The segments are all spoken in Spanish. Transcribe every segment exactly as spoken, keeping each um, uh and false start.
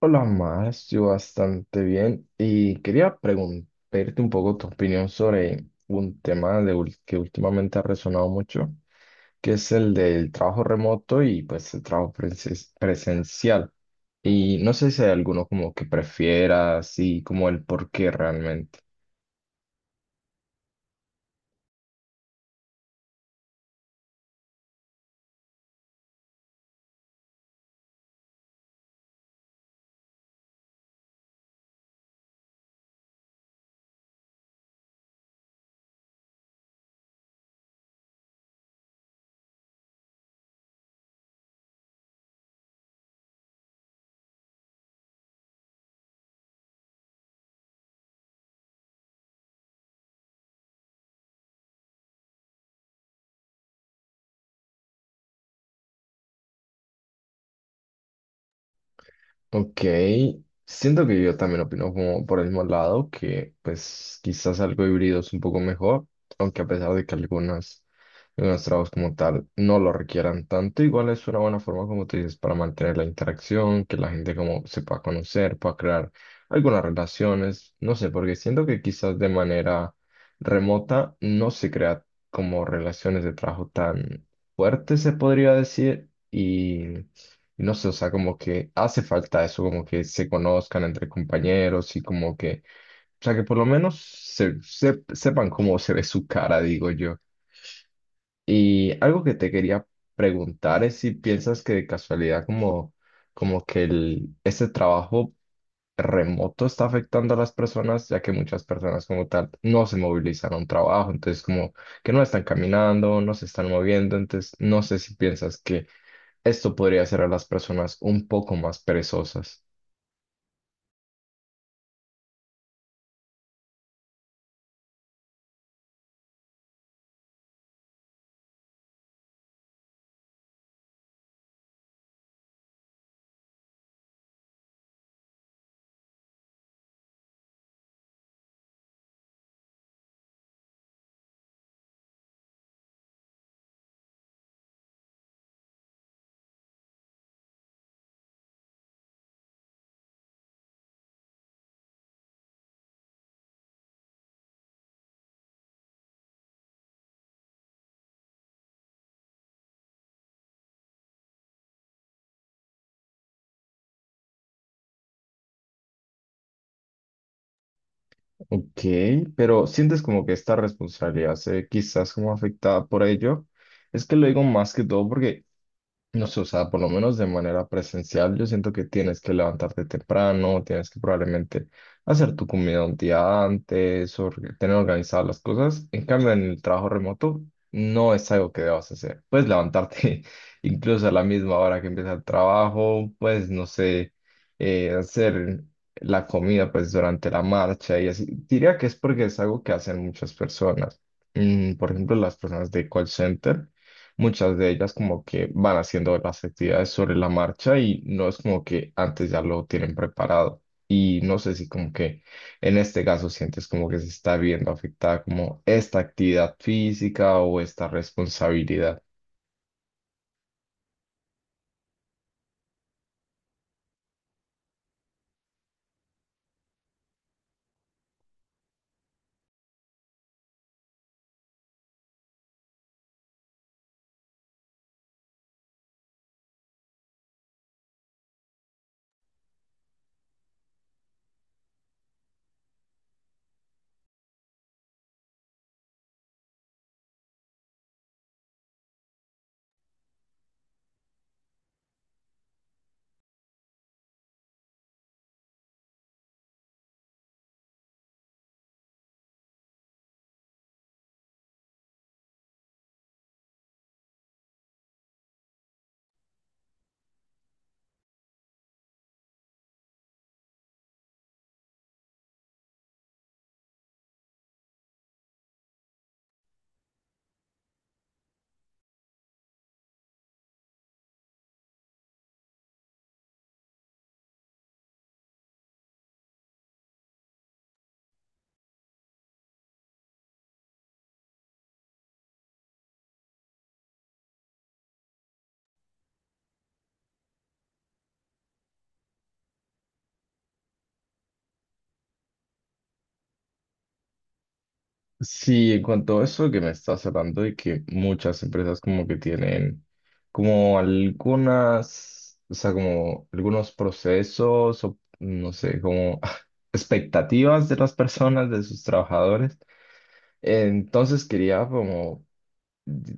Hola, más, yo bastante bien y quería pregun- pedirte un poco tu opinión sobre un tema de ul- que últimamente ha resonado mucho, que es el del trabajo remoto y pues el trabajo presen- presencial. Y no sé si hay alguno como que prefieras y como el por qué realmente. Ok, siento que yo también opino como por el mismo lado, que pues quizás algo híbrido es un poco mejor, aunque a pesar de que algunas, algunos trabajos como tal no lo requieran tanto, igual es una buena forma, como tú dices, para mantener la interacción, que la gente como se pueda conocer, pueda crear algunas relaciones, no sé, porque siento que quizás de manera remota no se crea como relaciones de trabajo tan fuerte, se podría decir, y no sé, o sea, como que hace falta eso, como que se conozcan entre compañeros y como que, o sea, que por lo menos se, se- sepan cómo se ve su cara, digo yo. Y algo que te quería preguntar es si piensas que de casualidad como, como que el, ese trabajo remoto está afectando a las personas, ya que muchas personas como tal no se movilizan a un trabajo, entonces como que no están caminando, no se están moviendo, entonces no sé si piensas que esto podría hacer a las personas un poco más perezosas. Ok, pero sientes como que esta responsabilidad se ve quizás como afectada por ello. Es que lo digo más que todo porque no sé, o sea, por lo menos de manera presencial, yo siento que tienes que levantarte temprano, tienes que probablemente hacer tu comida un día antes, or- tener organizadas las cosas. En cambio, en el trabajo remoto no es algo que debas hacer. Puedes levantarte incluso a la misma hora que empieza el trabajo, pues no sé, eh, hacer la comida pues durante la marcha y así. Diría que es porque es algo que hacen muchas personas. Mm, por ejemplo, las personas de call center. Muchas de ellas como que van haciendo las actividades sobre la marcha y no es como que antes ya lo tienen preparado. Y no sé si como que en este caso sientes como que se está viendo afectada como esta actividad física o esta responsabilidad. Sí, en cuanto a eso que me estás hablando de que muchas empresas como que tienen como algunas, o sea, como algunos procesos o no sé, como expectativas de las personas, de sus trabajadores. Entonces quería como,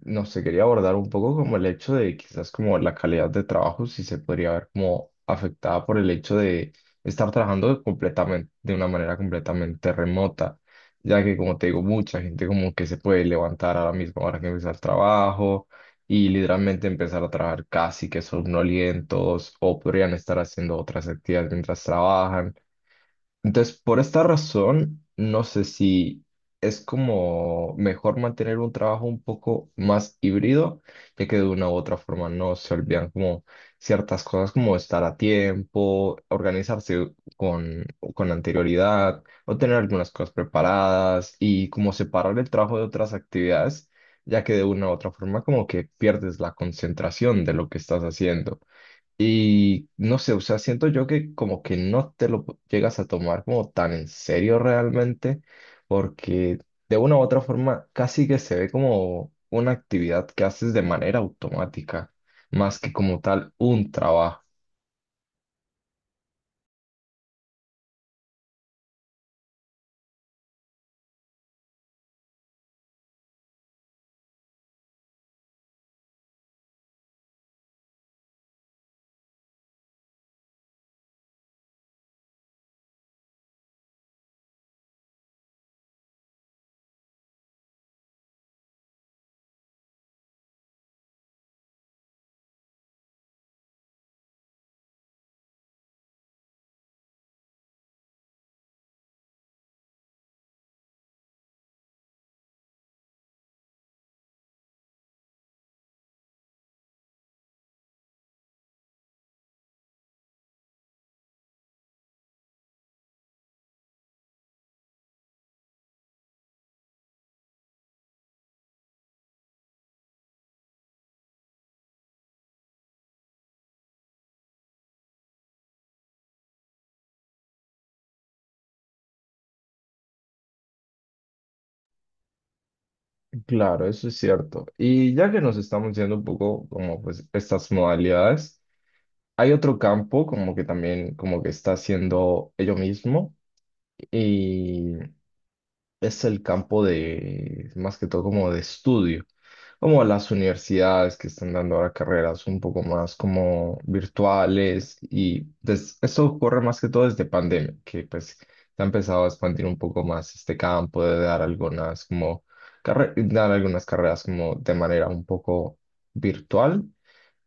no sé, quería abordar un poco como el hecho de quizás como la calidad de trabajo, si se podría ver como afectada por el hecho de estar trabajando completamente, de una manera completamente remota, ya que como te digo, mucha gente como que se puede levantar a la misma hora que empieza el trabajo y literalmente empezar a trabajar casi que somnolientos o podrían estar haciendo otras actividades mientras trabajan. Entonces, por esta razón, no sé si es como mejor mantener un trabajo un poco más híbrido, ya que de una u otra forma no se olvidan como ciertas cosas como estar a tiempo, organizarse con, con anterioridad o tener algunas cosas preparadas y como separar el trabajo de otras actividades, ya que de una u otra forma como que pierdes la concentración de lo que estás haciendo. Y no sé, o sea, siento yo que como que no te lo llegas a tomar como tan en serio realmente, porque de una u otra forma casi que se ve como una actividad que haces de manera automática, más que como tal un trabajo. Claro, eso es cierto. Y ya que nos estamos yendo un poco como pues estas modalidades, hay otro campo como que también como que está haciendo ello mismo. Es el campo de, más que todo como de estudio, como las universidades que están dando ahora carreras un poco más como virtuales y des- eso ocurre más que todo desde pandemia, que pues se ha empezado a expandir un poco más este campo de dar algunas como, carre- dar algunas carreras como de manera un poco virtual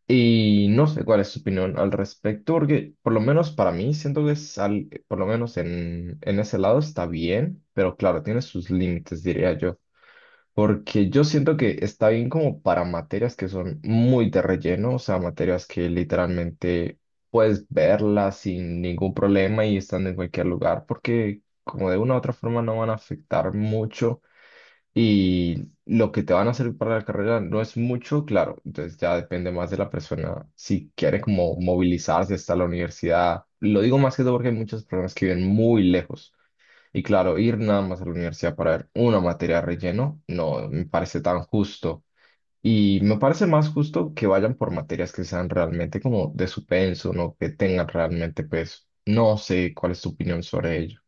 y no sé cuál es su opinión al respecto, porque por lo menos para mí siento que es al- por lo menos en, en ese lado está bien, pero claro, tiene sus límites, diría yo. Porque yo siento que está bien como para materias que son muy de relleno, o sea, materias que literalmente puedes verlas sin ningún problema y están en cualquier lugar, porque como de una u otra forma no van a afectar mucho y lo que te van a hacer para la carrera no es mucho, claro, entonces ya depende más de la persona si quiere como movilizarse hasta la universidad. Lo digo más que todo porque hay muchas personas que viven muy lejos y claro, ir nada más a la universidad para ver una materia de relleno no me parece tan justo. Y me parece más justo que vayan por materias que sean realmente como de su peso, ¿no? Que tengan realmente peso. No sé cuál es tu opinión sobre ello.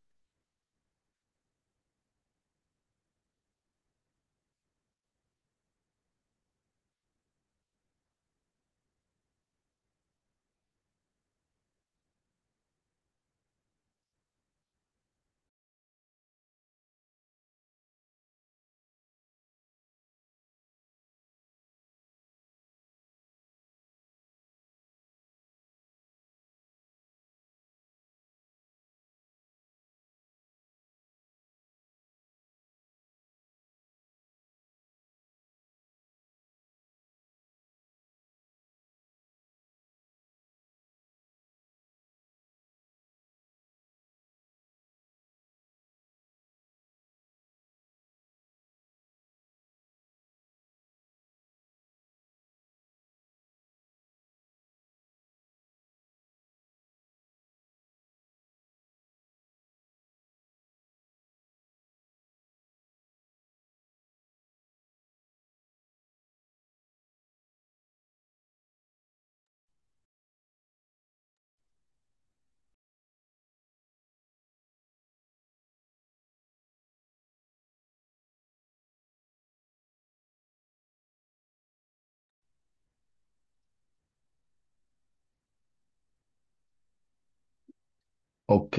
Ok,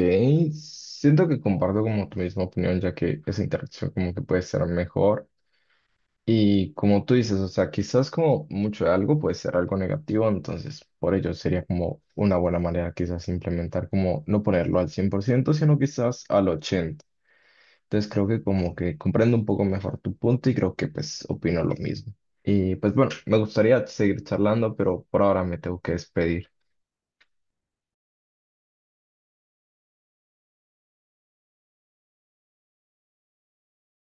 siento que comparto como tu misma opinión, ya que esa interacción como que puede ser mejor. Y como tú dices, o sea, quizás como mucho de algo puede ser algo negativo, entonces por ello sería como una buena manera quizás implementar como no ponerlo al cien por ciento, sino quizás al ochenta por ciento. Entonces creo que como que comprendo un poco mejor tu punto y creo que pues opino lo mismo. Y pues bueno, me gustaría seguir charlando, pero por ahora me tengo que despedir.